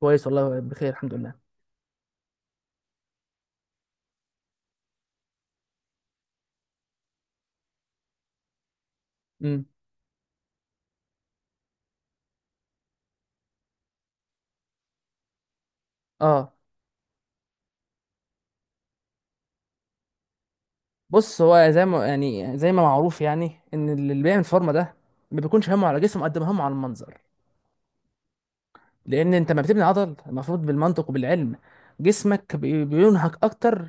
كويس والله، بخير الحمد لله. امم اه، بص، هو زي ما معروف يعني ان اللي بيعمل فورمه ده ما بيكونش همه على جسمه قد ما همه على المنظر. لان انت ما بتبني عضل، المفروض بالمنطق وبالعلم جسمك بينهك اكتر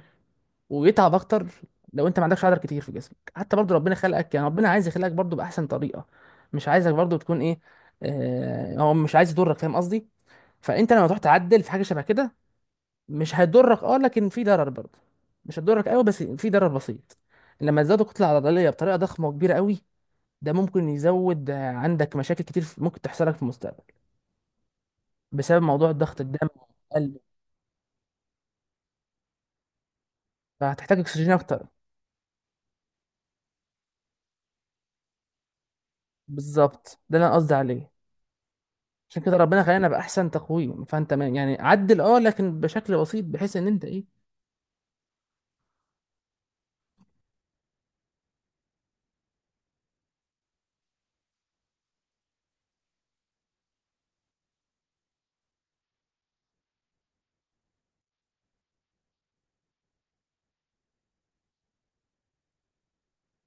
ويتعب اكتر. لو انت ما عندكش عضل كتير في جسمك، حتى برضو ربنا خلقك، يعني ربنا عايز يخلقك برضو باحسن طريقه. مش عايزك برضو تكون ايه، آه، هو مش عايز يضرك، فاهم قصدي؟ فانت لما تروح تعدل في حاجه شبه كده، مش هيضرك اه، لكن في ضرر برضه. مش هتضرك قوي، بس في ضرر بسيط لما تزودوا الكتله العضليه بطريقه ضخمه وكبيره قوي. ده ممكن يزود عندك مشاكل كتير ممكن تحصل لك في المستقبل بسبب موضوع ضغط الدم والقلب. فهتحتاج اكسجين اكتر. بالظبط، ده اللي انا قصدي عليه. عشان كده ربنا خلينا باحسن تقويم، فانت عدل اه، لكن بشكل بسيط، بحيث ان انت ايه.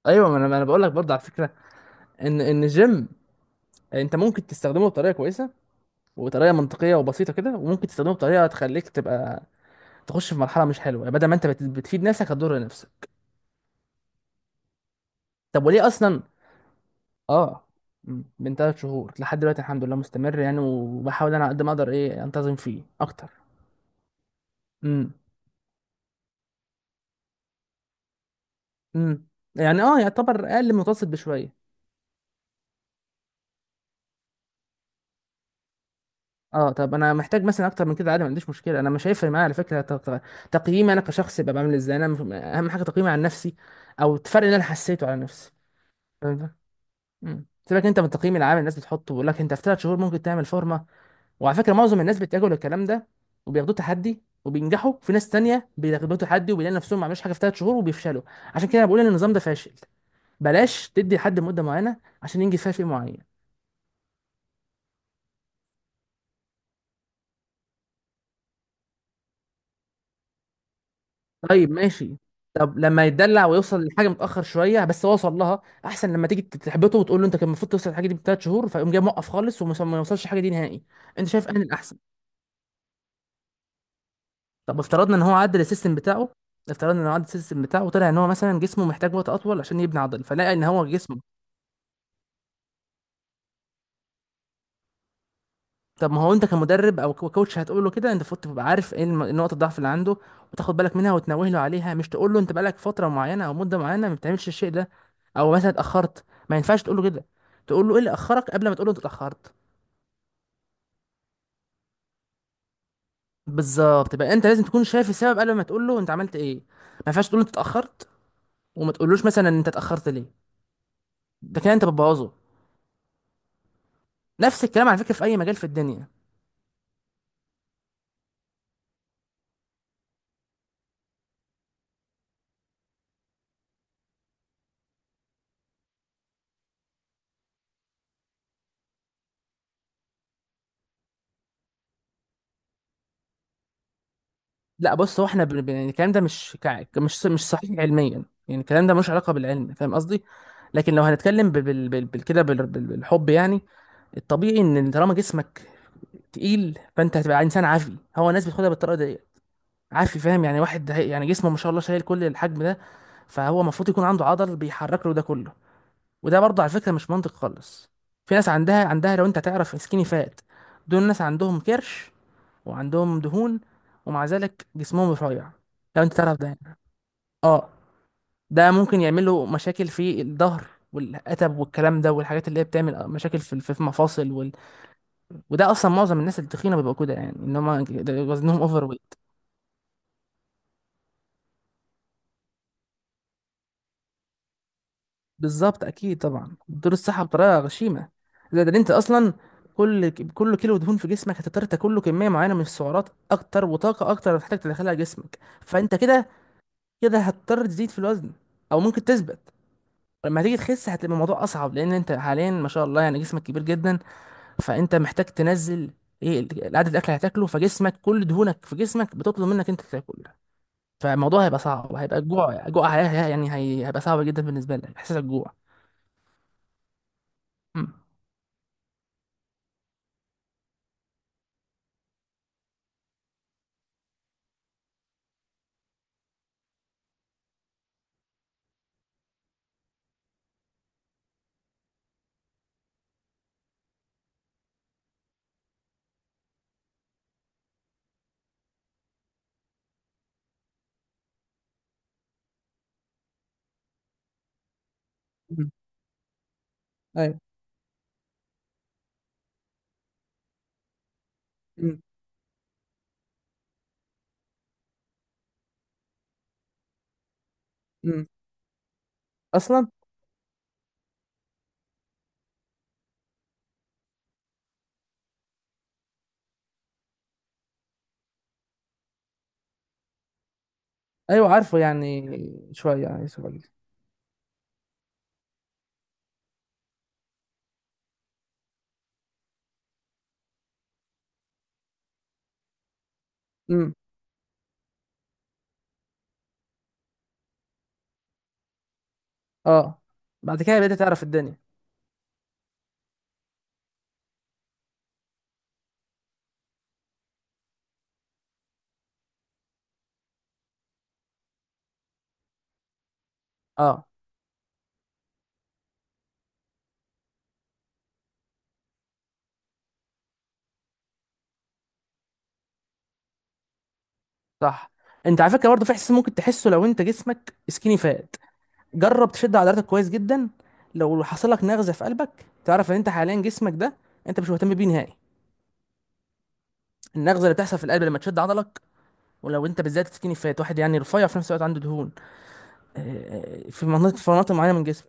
ايوه، ما انا بقول لك برضه على فكره ان الجيم انت ممكن تستخدمه بطريقه كويسه وطريقه منطقيه وبسيطه كده، وممكن تستخدمه بطريقه تخليك تبقى تخش في مرحله مش حلوه، يعني بدل ما انت بتفيد نفسك هتضر نفسك. طب وليه اصلا؟ اه، من 3 شهور لحد دلوقتي الحمد لله مستمر، يعني وبحاول انا على قد ما اقدر ايه انتظم فيه اكتر. امم امم يعني اه، يعتبر اقل متوسط بشويه. اه، طب انا محتاج مثلا اكتر من كده عادي، ما عنديش مشكله، انا مش هيفرق معايا على فكره تقييمي انا كشخص يبقى بعمل ازاي، انا اهم حاجه تقييمي عن نفسي، او الفرق اللي انا حسيته على نفسي. فاهم ده؟ سيبك انت من التقييم العام الناس بتحطه، بيقول لك انت في 3 شهور ممكن تعمل فورمه. وعلى فكره معظم الناس بيتجهوا للكلام ده، وبياخدوه تحدي وبينجحوا، في ناس تانية بياخدوه تحدي وبيلاقي نفسهم ما عملوش حاجه في 3 شهور وبيفشلوا. عشان كده أنا بقول ان النظام ده فاشل. بلاش تدي لحد مده معينه عشان ينجز فيها شيء معين. طيب ماشي. طب لما يتدلع ويوصل لحاجه متاخر شويه، بس هو وصل لها، احسن لما تيجي تحبطه وتقول له انت كان المفروض توصل الحاجه دي ب 3 شهور، فيقوم جاي موقف خالص وما ما يوصلش الحاجه دي نهائي. انت شايف ان الاحسن، طب افترضنا ان هو عدل السيستم بتاعه، افترضنا ان هو عدل السيستم بتاعه وطلع ان هو مثلا جسمه محتاج وقت اطول عشان يبني عضل، فلقى ان هو جسمه. طب ما هو انت كمدرب او كوتش هتقول له كده، انت المفروض تبقى عارف ايه نقط الضعف اللي عنده، وتاخد بالك منها وتنوه له عليها، مش تقول له انت بقالك فتره معينه او مده معينه ما بتعملش الشيء ده، او مثلا اتاخرت. ما ينفعش تقول له كده، تقول له ايه اللي اخرك قبل ما تقول له انت اتاخرت. بالظبط، يبقى انت لازم تكون شايف السبب قبل ما تقول له انت عملت ايه. ما ينفعش تقول له انت اتاخرت وما تقولوش مثلا انت اتاخرت ليه. ده كده انت بتبوظه. نفس الكلام على فكره في اي مجال في الدنيا. لا بص، هو احنا يعني الكلام ده مش مش صحيح علميا، يعني الكلام ده ملوش علاقه بالعلم، فاهم قصدي؟ لكن لو هنتكلم بالحب يعني، الطبيعي ان طالما جسمك تقيل فانت هتبقى انسان عافي، هو الناس بتاخدها بالطريقه دي. عافي، فاهم، يعني واحد يعني جسمه ما شاء الله شايل كل الحجم ده، فهو المفروض يكون عنده عضل بيحرك له ده كله. وده برضه على فكرة مش منطق خالص، في ناس عندها، لو انت تعرف، سكيني فات. دول ناس عندهم كرش وعندهم دهون ومع ذلك جسمهم رفيع. لو انت تعرف ده يعني. اه، ده ممكن يعمل له مشاكل في الظهر والقتب والكلام ده، والحاجات اللي هي بتعمل مشاكل في المفاصل وال... وده اصلا معظم الناس التخينه بيبقوا كده، يعني ان هم وزنهم اوفر. بالظبط، اكيد طبعا، بتدور الصحه بطريقه غشيمه. زائد ان انت اصلا كل كيلو دهون في جسمك هتضطر تاكل له كميه معينه من السعرات اكتر وطاقه اكتر هتحتاج تدخلها جسمك، فانت كده كده هتضطر تزيد في الوزن او ممكن تثبت. لما تيجي تخس هتبقى الموضوع اصعب، لان انت حاليا ما شاء الله يعني جسمك كبير جدا، فانت محتاج تنزل ايه عدد الاكل اللي هتاكله، فجسمك كل دهونك في جسمك بتطلب منك انت تاكل. فالموضوع هيبقى صعب، هيبقى الجوع جوع، هيبقى صعب جدا بالنسبه لك احساس الجوع. مم. مم. امم امم اصلا. ايوه عارفه يعني شويه، يعني يوسف علي. امم اه، بعد كده بدأت تعرف الدنيا. اه، صح. انت على فكره برضه في احساس ممكن تحسه، لو انت جسمك سكيني فات، جرب تشد عضلاتك كويس جدا، لو حصل لك نغزه في قلبك، تعرف ان انت حاليا جسمك ده انت مش مهتم بيه نهائي. النغزه اللي بتحصل في القلب لما تشد عضلك، ولو انت بالذات سكيني فات، واحد يعني رفيع في نفس الوقت عنده دهون في مناطق، في مناطق معينه من جسمك،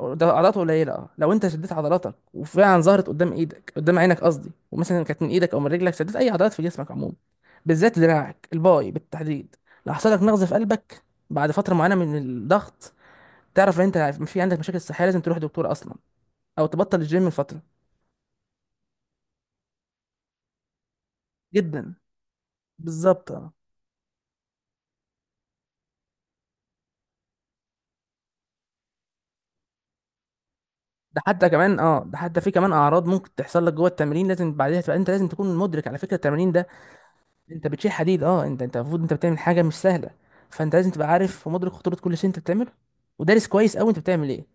ده عضلاته قليله. اه، لو انت شديت عضلاتك وفعلا ظهرت قدام ايدك، قدام عينك قصدي، ومثلا كانت من ايدك او من رجلك، شديت اي عضلات في جسمك عموما، بالذات دراعك الباي بالتحديد، لو حصل لك نقص في قلبك بعد فتره معينه من الضغط، تعرف ان انت في عندك مشاكل صحيه، لازم تروح دكتور اصلا، او تبطل الجيم لفتره. جدا بالظبط. اه ده حتى كمان، اه ده حتى في كمان اعراض ممكن تحصل لك جوه التمرين، لازم بعدها تبقى انت لازم تكون مدرك على فكره التمرين ده، انت بتشيل حديد اه، انت المفروض انت بتعمل حاجه مش سهله، فانت لازم تبقى عارف في مدرك خطوره كل شيء انت بتعمله ودارس كويس قوي انت بتعمل ايه،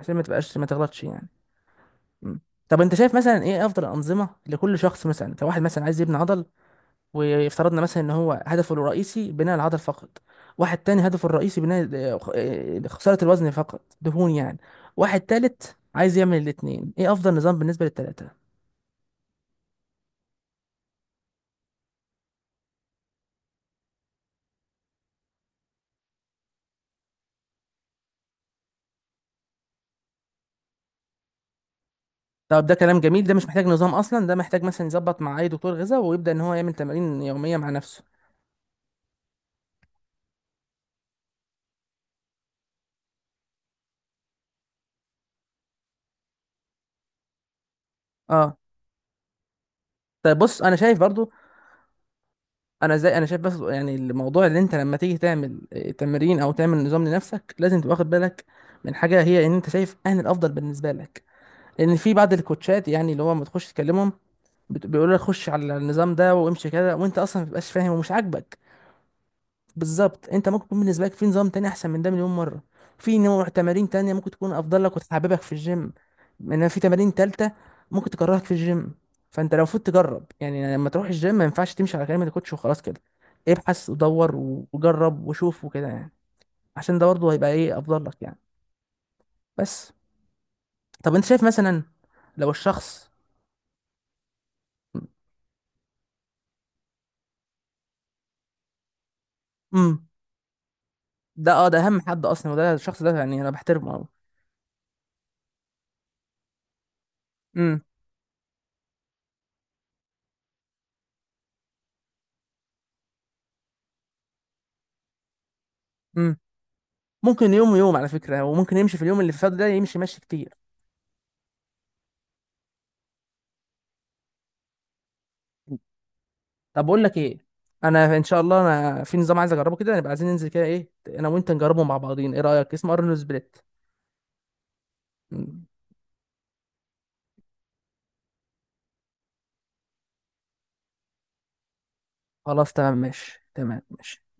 عشان ما تبقاش ما تغلطش يعني. مم. طب انت شايف مثلا ايه افضل الانظمه لكل شخص، مثلا كواحد مثلا عايز يبني عضل، وافترضنا مثلا ان هو هدفه الرئيسي بناء العضل فقط، واحد تاني هدفه الرئيسي بناء خساره الوزن فقط، دهون يعني، واحد تالت عايز يعمل الاتنين، ايه افضل نظام بالنسبه للتلاته؟ طب ده كلام جميل، ده مش محتاج نظام اصلا، ده محتاج مثلا يظبط مع اي دكتور غذاء ويبدا ان هو يعمل تمارين يوميه مع نفسه. اه طيب، بص انا شايف برضو، انا شايف بس يعني الموضوع، اللي انت لما تيجي تعمل تمرين او تعمل نظام لنفسك، لازم تبقى واخد بالك من حاجه هي ان انت شايف اهل الافضل بالنسبه لك، لان في بعض الكوتشات يعني اللي هو ما تخش تكلمهم، بيقولوا لك خش على النظام ده وامشي كده، وانت اصلا ما بتبقاش فاهم ومش عاجبك. بالظبط، انت ممكن يكون بالنسبه لك في نظام تاني احسن من ده مليون مره، في نوع تمارين تانية ممكن تكون افضل لك وتحببك في الجيم، انما في تمارين تالتة ممكن تكرهك في الجيم. فانت لو المفروض تجرب، يعني لما تروح الجيم ما ينفعش تمشي على كلمه الكوتش وخلاص كده، ابحث ودور وجرب وشوف وكده يعني، عشان ده برضه هيبقى ايه افضل لك يعني. بس. طب انت شايف مثلا لو الشخص. امم ده اه، ده اهم حد اصلا، وده الشخص ده يعني انا بحترمه قوي. امم امم ممكن يوم ويوم على فكره، وممكن يمشي في اليوم اللي فات ده، يمشي ماشي كتير. طب بقول لك ايه، انا ان شاء الله انا في نظام عايز اجربه كده، نبقى عايزين ننزل كده ايه، انا وانت نجربه مع بعضين، ايه رايك، اسمه ارنولد سبليت. مم. خلاص تمام ماشي، تمام ماشي.